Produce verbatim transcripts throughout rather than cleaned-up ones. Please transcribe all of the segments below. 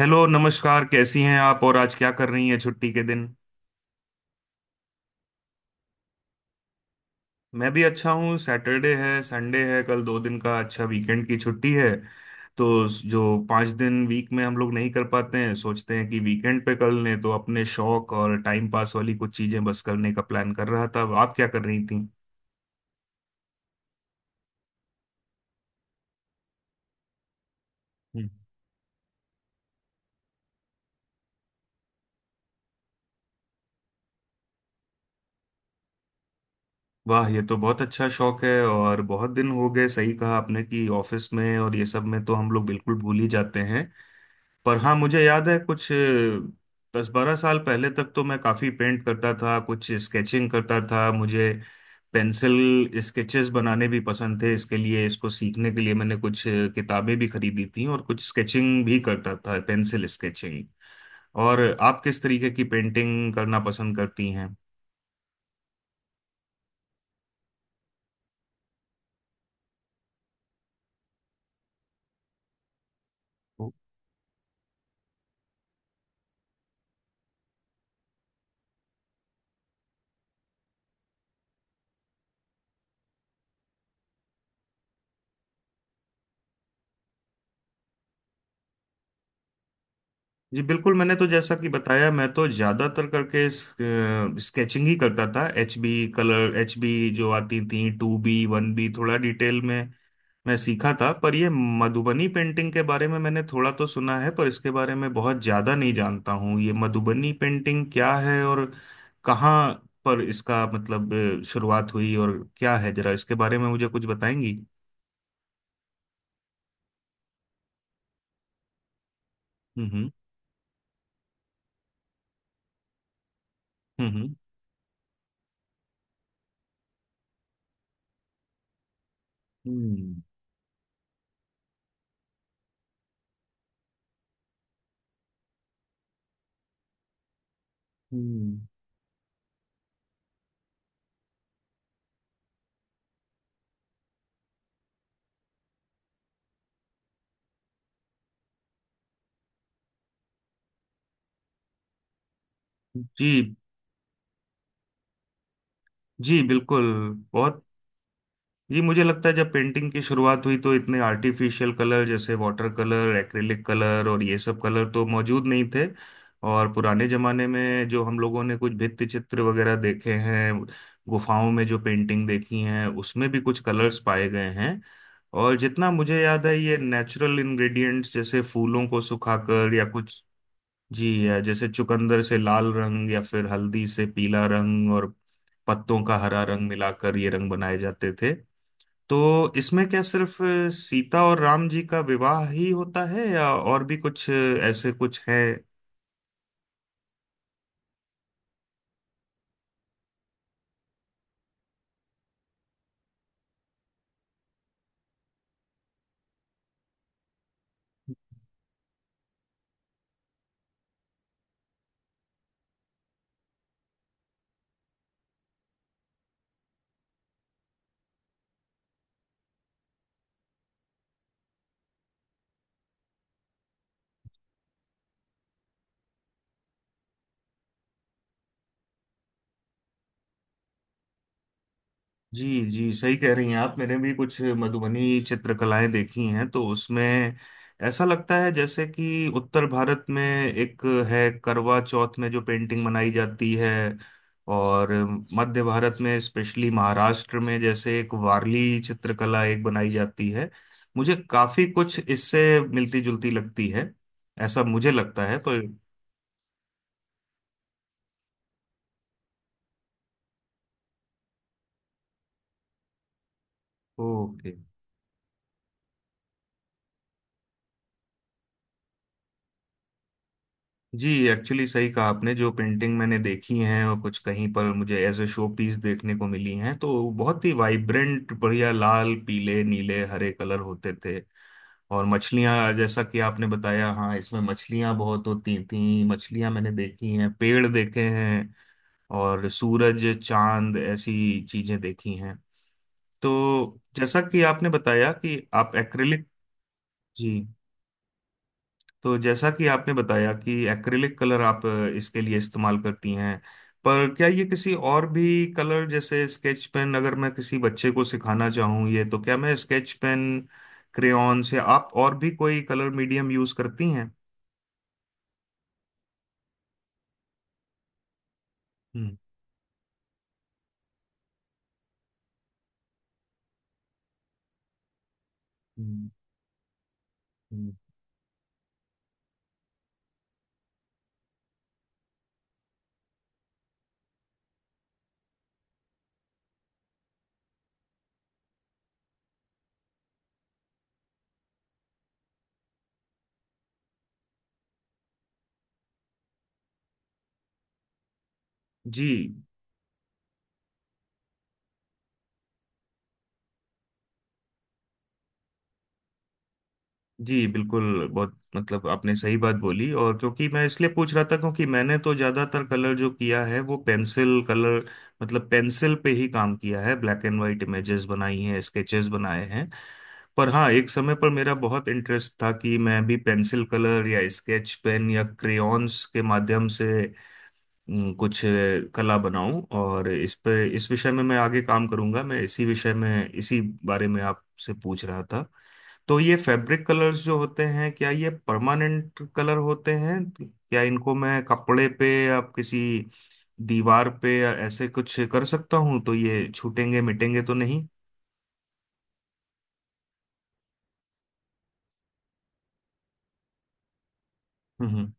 Hello नमस्कार, कैसी हैं आप? और आज क्या कर रही हैं छुट्टी के दिन? मैं भी अच्छा हूँ। सैटरडे है, संडे है, कल दो दिन का अच्छा वीकेंड की छुट्टी है। तो जो पाँच दिन वीक में हम लोग नहीं कर पाते हैं, सोचते हैं कि वीकेंड पे कर लें, तो अपने शौक और टाइम पास वाली कुछ चीज़ें बस करने का प्लान कर रहा था। आप क्या कर रही थी? हम्म। वाह, ये तो बहुत अच्छा शौक है। और बहुत दिन हो गए, सही कहा आपने कि ऑफिस में और ये सब में तो हम लोग बिल्कुल भूल ही जाते हैं। पर हाँ, मुझे याद है कुछ दस बारह साल पहले तक तो मैं काफी पेंट करता था, कुछ स्केचिंग करता था। मुझे पेंसिल स्केचेस बनाने भी पसंद थे। इसके लिए, इसको सीखने के लिए मैंने कुछ किताबें भी खरीदी थी और कुछ स्केचिंग भी करता था, पेंसिल स्केचिंग। और आप किस तरीके की पेंटिंग करना पसंद करती हैं? जी बिल्कुल। मैंने तो जैसा कि बताया, मैं तो ज़्यादातर करके स्केचिंग ही करता था। H B colour, H B जो आती थी, टू बी, वन बी, थोड़ा डिटेल में मैं सीखा था। पर ये मधुबनी पेंटिंग के बारे में मैंने थोड़ा तो सुना है, पर इसके बारे में बहुत ज्यादा नहीं जानता हूँ। ये मधुबनी पेंटिंग क्या है, और कहाँ पर इसका मतलब अ, शुरुआत हुई और क्या है? जरा इसके बारे में मुझे कुछ बताएंगी। हम्म। हम्म। हम्म। हम्म, हम्म, जी। जी बिल्कुल। बहुत, ये मुझे लगता है जब पेंटिंग की शुरुआत हुई तो इतने आर्टिफिशियल कलर, जैसे वाटर कलर, एक्रेलिक कलर और ये सब कलर तो मौजूद नहीं थे। और पुराने जमाने में जो हम लोगों ने कुछ भित्ति चित्र वगैरह देखे हैं, गुफाओं में जो पेंटिंग देखी हैं, उसमें भी कुछ कलर्स पाए गए हैं। और जितना मुझे याद है, ये नेचुरल इंग्रेडिएंट्स, जैसे फूलों को सुखाकर या कुछ, जी, या जैसे चुकंदर से लाल रंग या फिर हल्दी से पीला रंग और पत्तों का हरा रंग मिलाकर ये रंग बनाए जाते थे। तो इसमें क्या सिर्फ अ, सीता और राम जी का विवाह ही होता है या और भी कुछ अ, ऐसे कुछ है? जी जी, सही कह रही हैं आप। मैंने भी कुछ मधुबनी चित्रकलाएं देखी हैं तो उसमें ऐसा लगता है जैसे कि उत्तर भारत में एक है, करवा चौथ में जो पेंटिंग बनाई जाती है, और मध्य भारत में स्पेशली महाराष्ट्र में जैसे एक वारली चित्रकला एक बनाई जाती है, मुझे काफी कुछ इससे मिलती जुलती लगती है। ऐसा मुझे लगता है, पर ओके। जी, एक्चुअली सही कहा आपने। जो पेंटिंग मैंने देखी हैं और कुछ कहीं पर मुझे एज ए शो पीस देखने को मिली हैं, तो बहुत ही वाइब्रेंट, बढ़िया लाल, पीले, नीले, हरे कलर होते थे। और मछलियां, जैसा कि आपने बताया, हाँ, इसमें मछलियां बहुत होती थी। मछलियां मैंने देखी हैं, पेड़ देखे हैं और सूरज, चांद, ऐसी चीजें देखी हैं। तो जैसा कि आपने बताया कि आप एक्रिलिक, जी, तो जैसा कि आपने बताया कि एक्रिलिक कलर आप अ, इसके लिए इस्तेमाल करती हैं, पर क्या ये किसी और भी कलर, जैसे स्केच पेन, अगर मैं किसी बच्चे को सिखाना चाहूँ ये, तो क्या मैं स्केच पेन, क्रेयॉन से, आप और भी कोई कलर मीडियम यूज करती हैं? हम्म। हम्म, हम्म। जी जी, बिल्कुल। बहुत मतलब आपने सही बात बोली। और क्योंकि मैं इसलिए पूछ रहा था क्योंकि मैंने तो ज़्यादातर कलर जो किया है वो पेंसिल कलर, मतलब पेंसिल पे ही काम किया है। ब्लैक एंड वाइट इमेजेस बनाई हैं, स्केचेस बनाए हैं। पर हाँ, एक समय पर मेरा बहुत इंटरेस्ट था कि मैं भी पेंसिल कलर या स्केच पेन या क्रेयॉन्स के माध्यम से हम्म, कुछ अ, कला बनाऊं। और इस पे, इस विषय में मैं आगे काम करूंगा। मैं इसी विषय में, इसी बारे में आपसे पूछ रहा था। तो ये फैब्रिक कलर्स जो होते हैं, क्या ये परमानेंट कलर होते हैं? क्या इनको मैं कपड़े पे या किसी दीवार पे या ऐसे कुछ कर सकता हूँ, तो ये छूटेंगे, मिटेंगे तो नहीं? हम्म।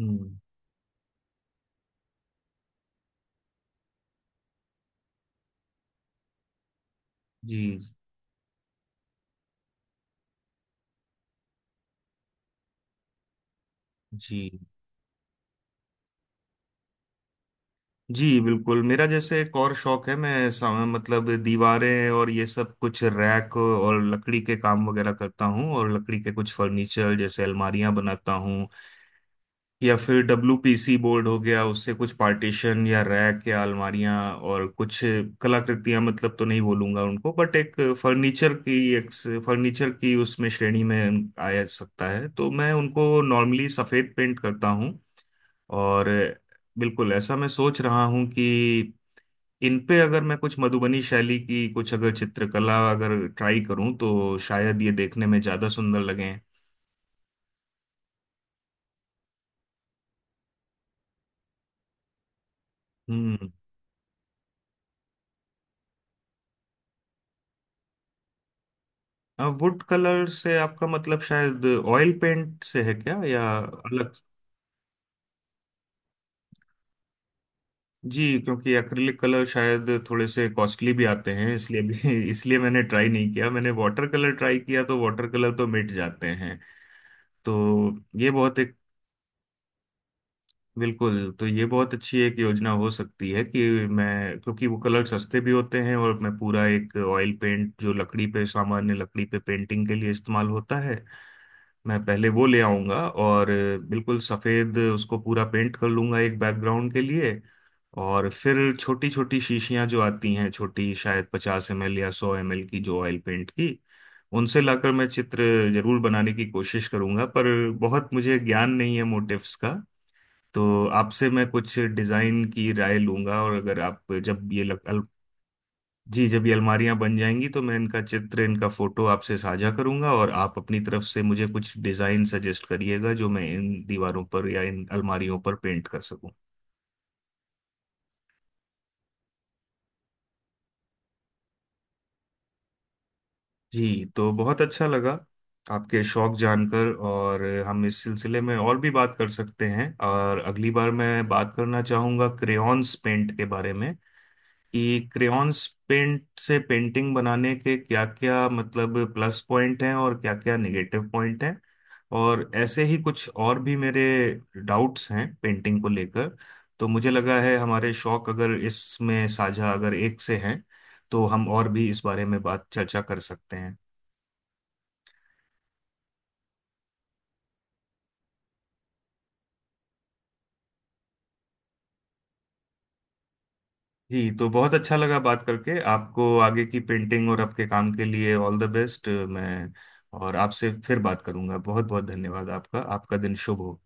हम्म। जी। जी जी बिल्कुल। मेरा जैसे एक और शौक है, मैं सा- मतलब दीवारें और ये सब कुछ, रैक और लकड़ी के काम वगैरह करता हूँ, और लकड़ी के कुछ फर्नीचर जैसे अलमारियां बनाता हूँ, या फिर डब्ल्यू पी सी बोर्ड हो गया, उससे कुछ पार्टीशन या रैक या अलमारियां और कुछ कलाकृतियां, मतलब तो नहीं बोलूंगा उनको, बट एक फर्नीचर की, एक फर्नीचर की उसमें श्रेणी में आया सकता है। तो मैं उनको नॉर्मली सफेद पेंट करता हूँ। और बिल्कुल ऐसा मैं सोच रहा हूँ कि इन पे अगर मैं कुछ मधुबनी शैली की, कुछ अगर चित्रकला अगर ट्राई करूँ, तो शायद ये देखने में ज्यादा सुंदर लगे। हम्म। वुड कलर से आपका मतलब शायद ऑयल पेंट से है क्या, या अलग? जी, क्योंकि एक्रिलिक कलर शायद थोड़े से कॉस्टली भी आते हैं, इसलिए भी इसलिए मैंने ट्राई नहीं किया। मैंने वाटर कलर ट्राई किया तो वाटर कलर तो मिट जाते हैं। तो ये बहुत एक, बिल्कुल, तो ये बहुत अच्छी एक योजना हो सकती है कि मैं, क्योंकि वो कलर सस्ते भी होते हैं, और मैं पूरा एक ऑयल पेंट जो लकड़ी पे, सामान्य लकड़ी पे पेंटिंग के लिए इस्तेमाल होता है, मैं पहले वो ले आऊंगा और बिल्कुल सफेद उसको पूरा पेंट कर लूंगा एक बैकग्राउंड के लिए। और फिर छोटी छोटी शीशियां जो आती हैं, छोटी शायद पचास एम एल या सौ एम एल की, जो ऑयल पेंट की, उनसे लाकर मैं चित्र जरूर बनाने की कोशिश करूंगा। पर बहुत मुझे ज्ञान नहीं है मोटिव्स का, तो आपसे मैं कुछ डिजाइन की राय लूंगा। और अगर आप जब ये लग, जी, जब ये अलमारियां बन जाएंगी तो मैं इनका चित्र, इनका फोटो आपसे साझा करूंगा, और आप अपनी तरफ से मुझे कुछ डिजाइन सजेस्ट करिएगा जो मैं इन दीवारों पर या इन अलमारियों पर पेंट कर सकूं। जी, तो बहुत अच्छा लगा आपके शौक जानकर। और हम इस सिलसिले में और भी बात कर सकते हैं, और अगली बार मैं बात करना चाहूंगा क्रेयॉन्स पेंट के बारे में, कि क्रेयॉन्स पेंट से पेंटिंग बनाने के क्या क्या मतलब प्लस पॉइंट हैं और क्या क्या नेगेटिव पॉइंट हैं। और ऐसे ही कुछ और भी मेरे डाउट्स हैं पेंटिंग को लेकर। तो मुझे लगा है, हमारे शौक अगर इसमें साझा अगर एक से हैं, तो हम और भी इस बारे में बात, चर्चा कर सकते हैं। जी, तो बहुत अच्छा लगा बात करके। आपको आगे की पेंटिंग और आपके काम के लिए ऑल द बेस्ट। मैं, और आपसे फिर बात करूंगा। बहुत बहुत धन्यवाद आपका। आपका दिन शुभ हो।